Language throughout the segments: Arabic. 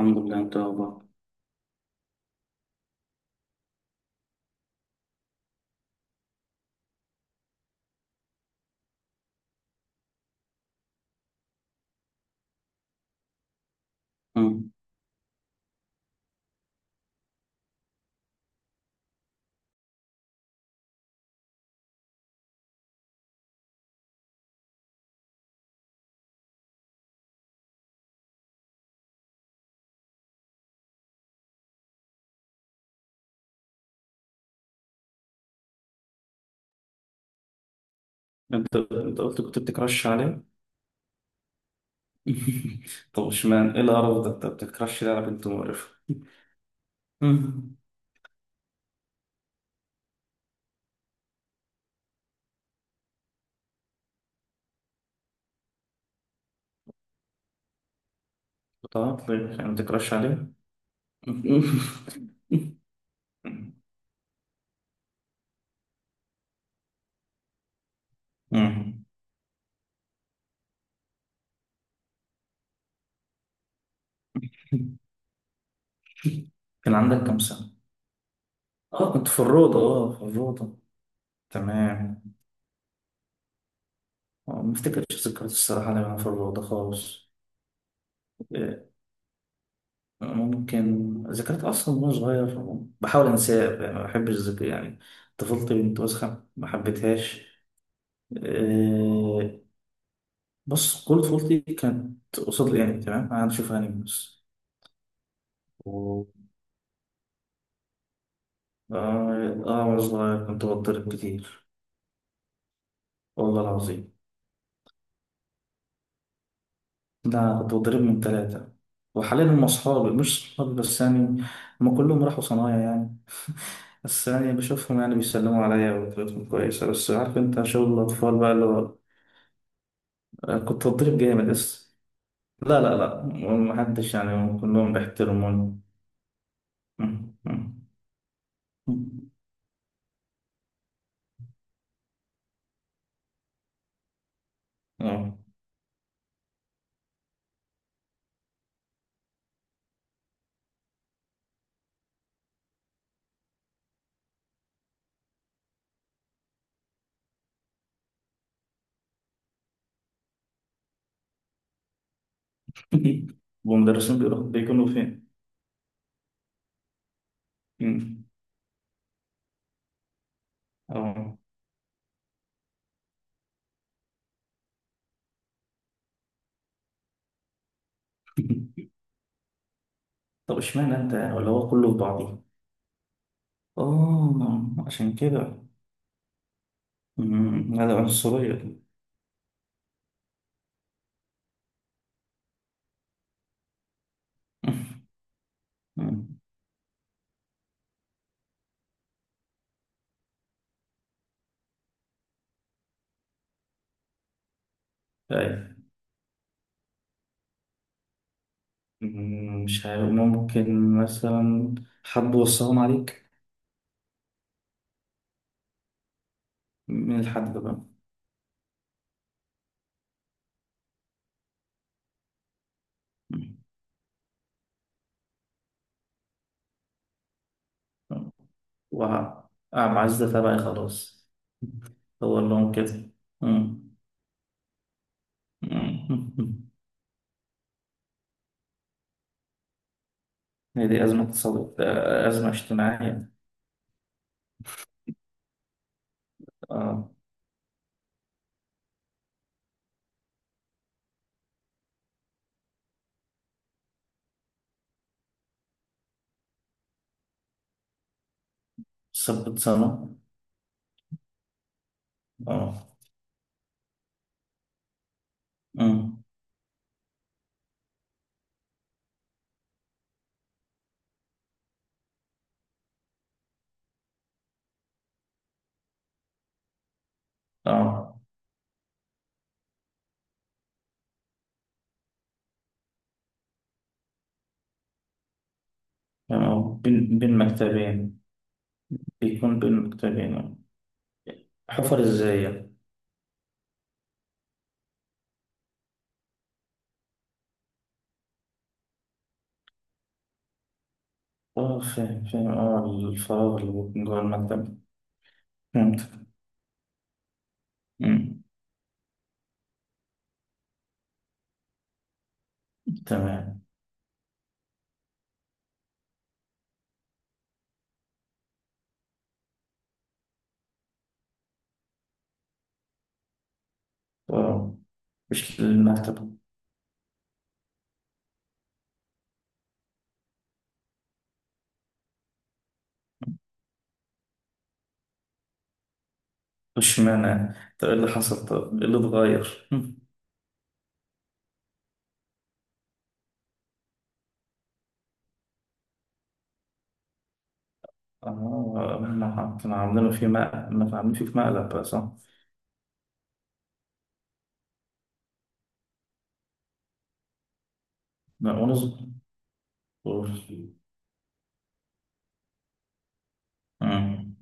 الحمد لله، انت اخبار؟ انت انت قلت كنت بتكرش عليه. طب اشمعنى ايه القرف ده، انت بتكرش ليه على بنت مقرفة؟ مم. طب طيب، يعني بتكرش عليه. مم. كان عندك كام سنة؟ اه كنت في الروضة، اه في الروضة. تمام. اه، ما افتكرش ذكريات الصراحة لما انا في الروضة خالص. اه، ممكن ذكريات أصلا وأنا صغير بحاول أنساها، يعني ما بحبش الذكر يعني. طفولتي بنت وسخة، ما حبيتهاش. آه، بص، كل طفولتي كانت قصاد الانمي، تمام، انا بشوف انمي بس. أوه. اه آه، وانا صغير كنت بتضرب كتير، والله العظيم. لا، كنت بتضرب من ثلاثة، وحاليا هم أصحابي، مش صحابي بس يعني. هم كلهم راحوا صنايع يعني. بس يعني بشوفهم، يعني بيسلموا عليا وطريقتهم كويسة، بس عارف أنت شغل الأطفال بقى اللي هو، آه، كنت بتضرب جامد بس. لا لا لا، محدش يعني، كلهم بيحترموني. م- م- م. آه. والمدرسين بيروحوا بيكونوا فين؟ مم. اه. طب اشمعنى انت يعني، ولا هو كله في بعضه؟ اه عشان كده. مم، هذا عنصرية. مم. طيب. مم، مش عارف، ممكن مثلا حد وصاهم عليك. من الحد ده بقى. مم. عزة تبعي خلاص. هو اللي هم كده. مم. مم. هي دي أزمة اقتصادية؟ آه، أزمة اجتماعية. اه. سبت سنة. اه. امم. اه. تمام، أو بين بين مكتبين. بيكون بين مكتبين. حفر ازاي يعني؟ اه فاهم فاهم، اه الفراغ اللي بيكون جوه المكتب. فهمت. امم. تمام. اه مش المكتب. مش معنى، طب ايه اللي حصل، طب ايه اللي اتغير؟ مم. اه، ما كانوا عاملينه في مقلب، ما كانوا عاملين فيه في مقلب بقى، صح؟ لا، وانا صغير. مم.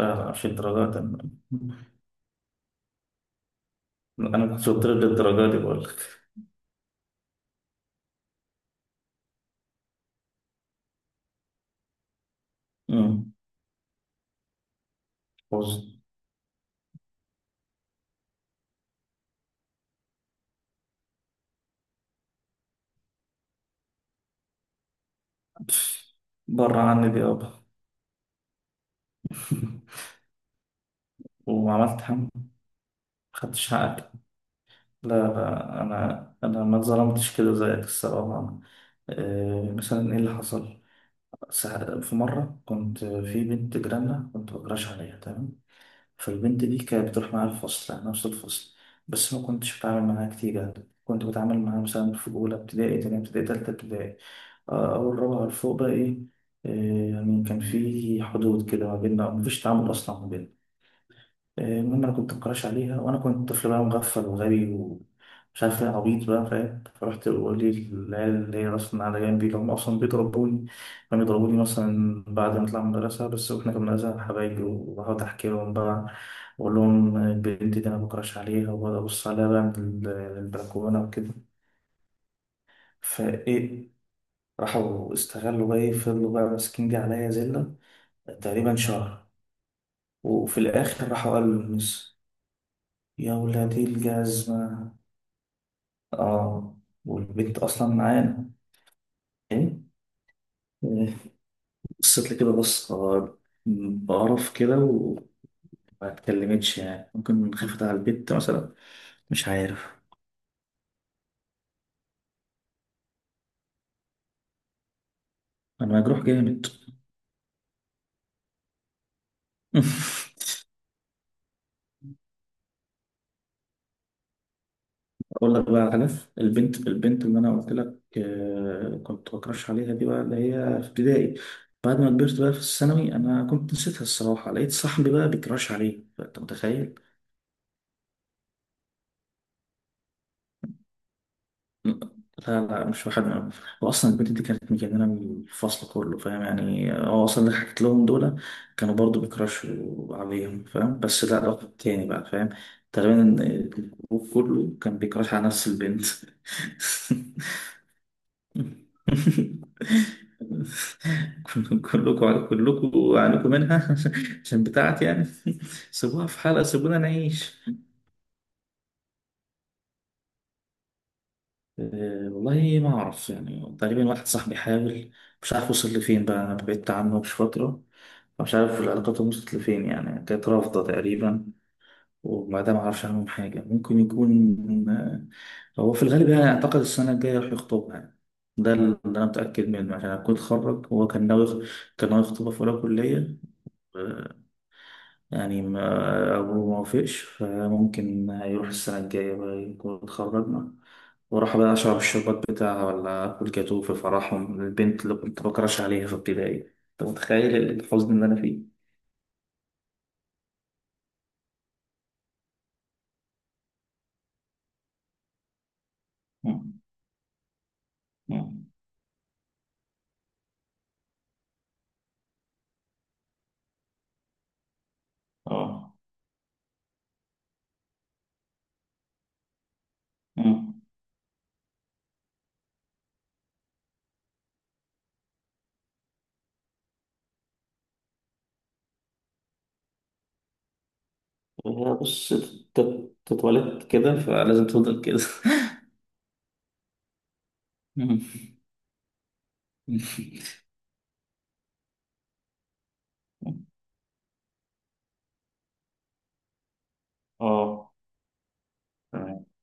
لا لا، مش الدرجات انا. أنا كنت قلت لك الدرجات دي بقول لك. مم. بره عني دي يابا. وعملت حمل. خدتش حقك. لا لا، انا ما اتظلمتش كده زيك الصراحه. آه، مثلا ايه اللي حصل؟ في مره كنت في بنت جيراننا، كنت بكراش عليها، تمام. فالبنت دي كانت بتروح معايا الفصل، يعني نفس الفصل. بس ما كنتش بتعامل معاها كتير يعني، كنت بتعامل معاها مثلا في اولى ابتدائي، تانية ابتدائي، تالتة ابتدائي. آه، اول رابعه لفوق بقى ايه. آه، يعني كان في حدود كده ما بيننا، مفيش تعامل اصلا ما بيننا. المهم انا كنت مكراش عليها، وانا كنت طفل بقى مغفل وغبي ومش عارف ايه، عبيط بقى فاهم. فرحت بقول لي العيال اللي هي اصلا على جنبي اللي هم اصلا بيضربوني. كانوا يضربوني مثلا بعد ما اطلع من المدرسه بس، واحنا كنا مدرسه حبايبي، وبقعد احكي لهم بقى واقول لهم البنت دي انا بكراش عليها، وبقعد ابص عليها بقى من البلكونه وكده. فايه، راحوا استغلوا بقى ايه، فضلوا بقى ماسكين دي عليا زله تقريبا شهر. وفي الاخر راحوا قالوا للمس، يا ولاد إيه الجزمة. اه، والبنت اصلا معانا. ايه. إيه، بصيت لي كده بص، بقرف كده، وما اتكلمتش يعني، ممكن خفت على البنت مثلا، مش عارف. انا مجروح جامد. اقول لك بقى على البنت، البنت اللي انا قلت لك كنت بكرش عليها دي بقى، اللي هي في ابتدائي. بعد ما كبرت بقى في الثانوي انا كنت نسيتها الصراحه، لقيت صاحبي بقى بيكرش عليه، انت متخيل؟ لا، لا مش واحد. واصلا البنت دي كانت مجننه من الفصل كله فاهم يعني. هو اصلا اللي حكيت لهم دول كانوا برضو بيكراشوا عليهم فاهم، بس لا، ده واحد تاني بقى فاهم. تقريبا الجروب كله كان بيكراش على نفس البنت. كلكم عانيكم منها عشان بتاعتي يعني. سيبوها في حالها، سيبونا نعيش. أه والله ما أعرف، يعني تقريبا واحد صاحبي حاول، مش عارف وصل لفين بقى، أنا بعدت عنه مش فترة. مش عارف العلاقات وصلت لفين يعني، كانت رافضة تقريبا. وما ده ما أعرفش عنهم حاجة، ممكن يكون هو في الغالب يعني أعتقد السنة الجاية راح يخطبها يعني. ده اللي أنا متأكد منه عشان أنا كنت اتخرج، هو كان ناوي، كان ناوي يخطبها في أولى كلية يعني. ما أبوه ما وافقش، فممكن هيروح السنة الجاية بقى يكون اتخرجنا، وراح بقى أشرب الشربات بتاعها ولا آكل جاتوه في فرحهم، البنت اللي كنت بكرش عليها في ابتدائي. أنت متخيل الحزن اللي أنا فيه؟ مم. مم. آه. مم. هي بص، تتولد كده فلازم تفضل كده. مم. آه